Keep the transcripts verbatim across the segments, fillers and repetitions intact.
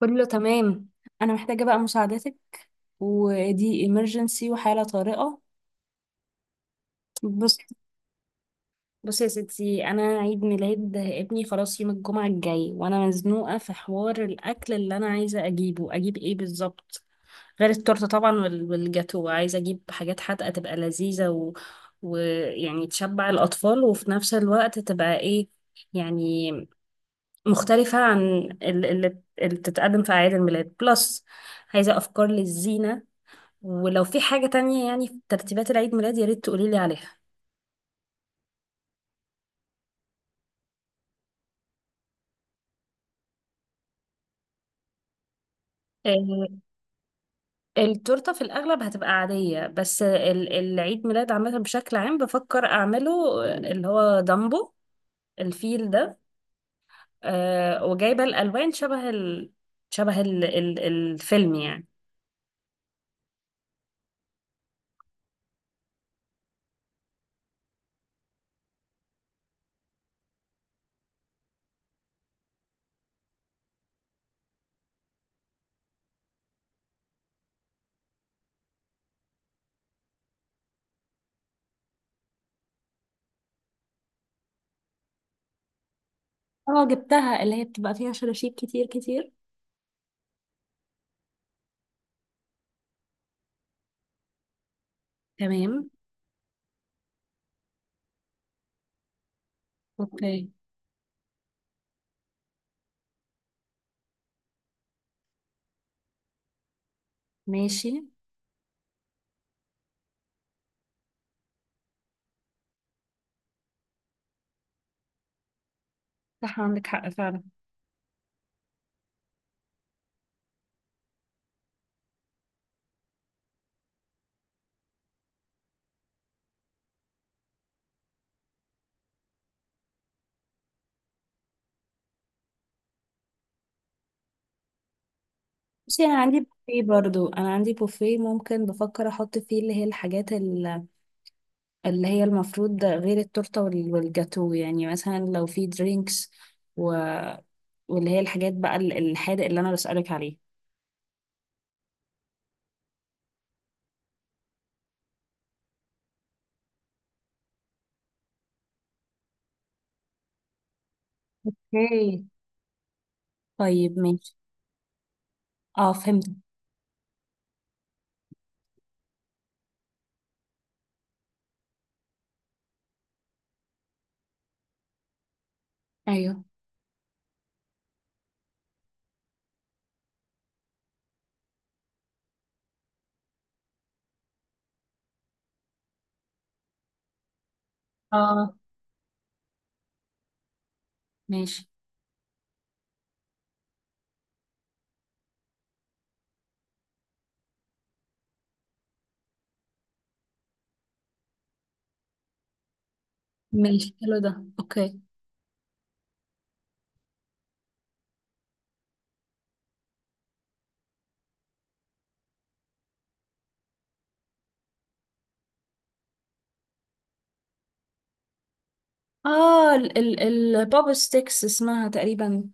كله تمام. انا محتاجة بقى مساعدتك، ودي emergency وحالة طارئة. بص بص يا ستي، انا عيد ميلاد ابني خلاص يوم الجمعة الجاي، وانا مزنوقة في حوار الاكل اللي انا عايزة اجيبه اجيب ايه بالظبط، غير التورتة طبعا، وال- والجاتو. عايزة اجيب حاجات حادقة تبقى لذيذة و... ويعني تشبع الاطفال، وفي نفس الوقت تبقى ايه يعني، مختلفة عن ال- اللي اللي بتتقدم في اعياد الميلاد بلس. عايزة افكار للزينة، ولو في حاجة تانية يعني في ترتيبات العيد ميلاد يا ريت تقولي لي عليها. آه، التورتة في الأغلب هتبقى عادية، بس ال- العيد ميلاد عامة بشكل عام بفكر أعمله، آه، اللي هو دامبو، الفيل ده. آه، وجايبة الألوان شبه ال... شبه ال... ال... الفيلم يعني. اه، جبتها، اللي هي بتبقى فيها شراشيب كتير كتير. تمام. اوكي. ماشي. صح، عندك حق فعلا. بصي، انا عندي بوفيه برضو انا عندي بوفيه ممكن، بفكر احط فيه اللي هي الحاجات اللي هي المفروض، ده غير التورتة وال- والجاتو، يعني مثلا لو في درينكس و... واللي هي الحاجات بقى ال- الحادق اللي أنا بسألك عليه. اوكي طيب ماشي. اه فهمت. ايوه اه ماشي. ماشي حلو ده، اوكي. اه ال ال البوب ستيكس اسمها تقريبا.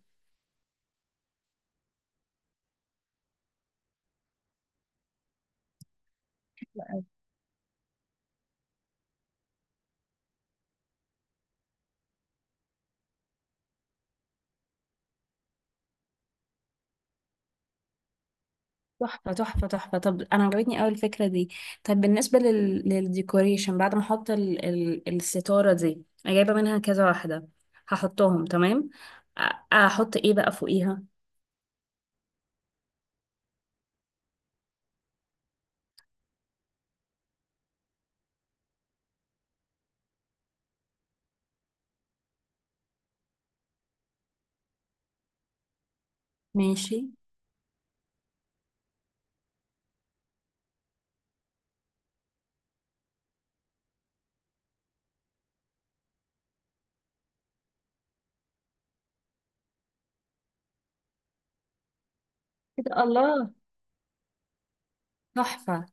تحفة تحفة تحفة، طب أنا عجبتني أوي الفكرة دي. طب بالنسبة لل... للديكوريشن، بعد ما أحط ال... ال... الستارة دي، أنا جايبة منها كذا واحدة، هحطهم تمام. أ- أحط إيه بقى فوقيها؟ ماشي كده الله، تحفة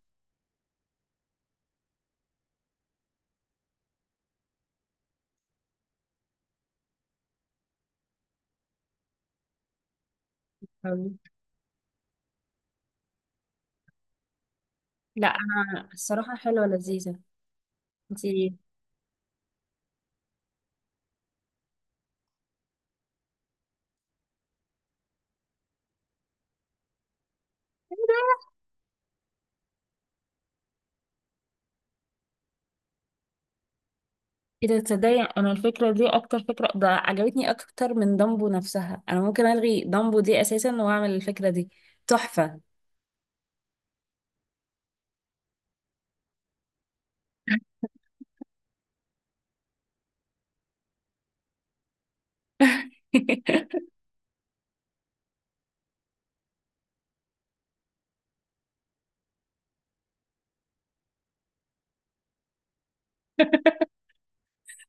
أوي. لا أنا الصراحة حلوة لذيذة، انتي. إذا تصدقي، أنا الفكرة دي أكتر فكرة ده عجبتني أكتر من دامبو نفسها. أنا ممكن ألغي دامبو دي أساسا وأعمل الفكرة دي. تحفة.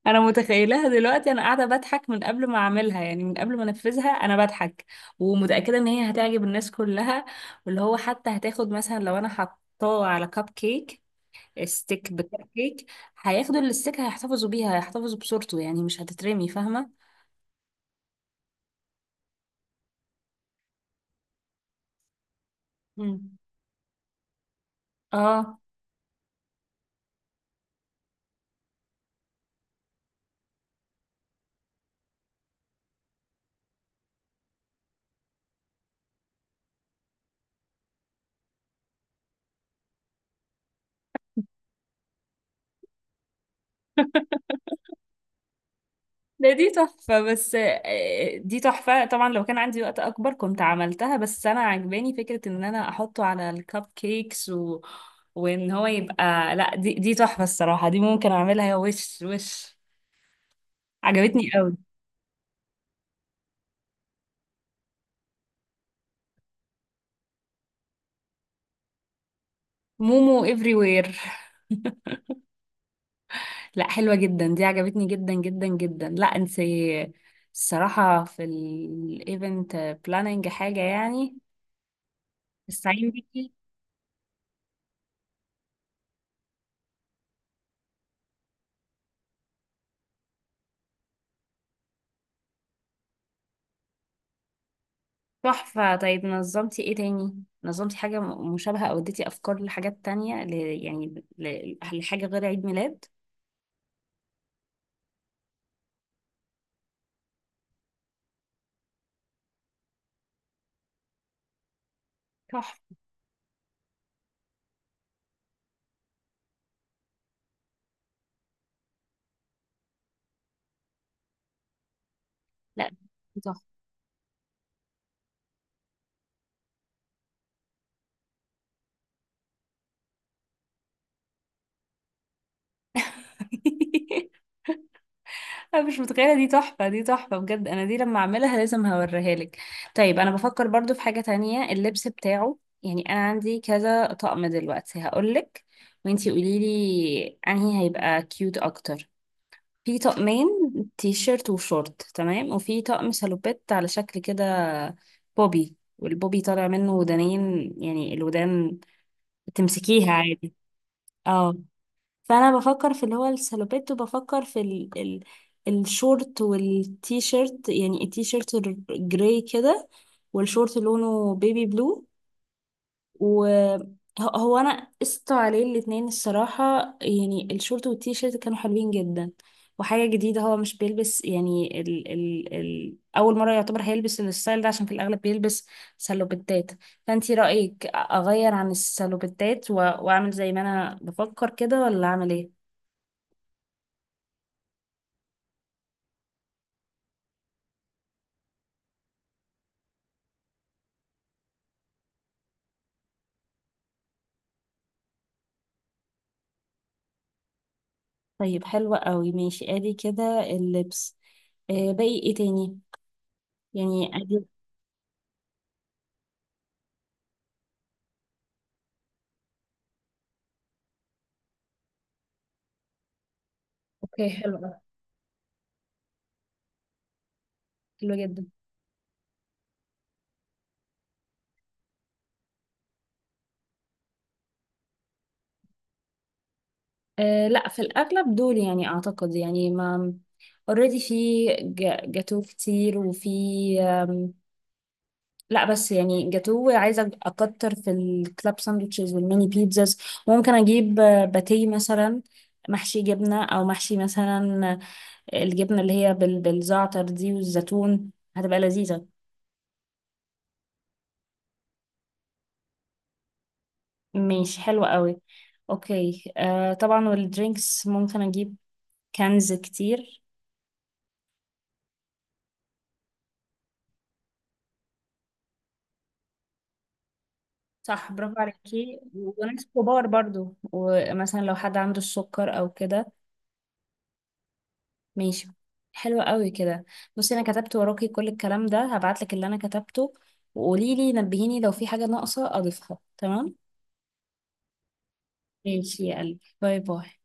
انا متخيلها دلوقتي، انا قاعده بضحك من قبل ما اعملها، يعني من قبل ما انفذها انا بضحك. ومتاكده ان هي هتعجب الناس كلها، واللي هو حتى هتاخد مثلا لو انا حطاه على كب كيك، ستيك بكب كيك، هياخدوا الستيك، هيحتفظوا بيها، هيحتفظوا بصورته، يعني مش هتترمي، فاهمه. مم. اه. ده دي تحفة، بس آه، دي تحفة طبعا. لو كان عندي وقت أكبر كنت عملتها، بس أنا عجباني فكرة إن أنا أحطه على الكب كيكس و... وإن هو يبقى، لا، دي دي تحفة الصراحة. دي ممكن أعملها وش وش. عجبتني قوي. مومو everywhere. لا حلوة جدا، دي عجبتني جدا جدا جدا. لا انت الصراحة في الايفنت بلاننج حاجة يعني، استعين بيكي. تحفة. طيب نظمتي ايه تاني؟ نظمتي حاجة م- مشابهة، او اديتي افكار لحاجات تانية ل... يعني ل... لحاجة غير عيد ميلاد؟ تحفة. لا دي تحفة. انا مش متخيلة، دي تحفة، دي تحفة بجد. انا دي لما اعملها لازم هوريها لك. طيب انا بفكر برضو في حاجة تانية، اللبس بتاعه. يعني انا عندي كذا طقم دلوقتي هقولك، وانتي قوليلي انهي هيبقى كيوت اكتر. في طقمين تي شيرت وشورت تمام، وفي طقم شالوبات على شكل كده بوبي، والبوبي طالع منه ودانين، يعني الودان تمسكيها عادي. اه، فانا بفكر في اللي هو الشالوبات، وبفكر في ال ال الشورت والتي شيرت. يعني التي شيرت الجراي كده، والشورت لونه بيبي بلو، وهو انا قست عليه الاتنين الصراحة. يعني الشورت والتيشيرت كانوا حلوين جدا، وحاجة جديدة هو مش بيلبس، يعني ال ال ال أول مرة يعتبر هيلبس الستايل ده، عشان في الأغلب بيلبس سلوبتات. فأنتي رأيك أغير عن السلوبتات و- وأعمل زي ما أنا بفكر كده، ولا أعمل إيه؟ طيب حلوة قوي، ماشي، أدي كده اللبس. آه باقي إيه تاني؟ يعني أدي. أوكي حلوة. حلوة جدا. أه لا، في الأغلب دول يعني، أعتقد يعني، ما اوريدي في جا- جاتو كتير، وفي أم، لا بس يعني جاتو عايزة أكتر في الكلاب ساندوتشز والميني بيتزاز. ممكن أجيب آه، باتيه مثلا، محشي جبنة أو محشي مثلا آه، الجبنة اللي هي بال- بالزعتر دي والزيتون، هتبقى لذيذة. ماشي حلوة قوي. أوكي، أه طبعا، والدرينكس ممكن أجيب كنز كتير. صح، برافو عليكي، وناس كبار برضو، ومثلا لو حد عنده السكر او كده. ماشي. حلو قوي كده. بصي انا كتبت وراكي كل الكلام ده، هبعتلك اللي انا كتبته، وقولي لي، نبهيني لو في حاجة ناقصة اضيفها، تمام؟ ماشي يا قلبي، باي باي.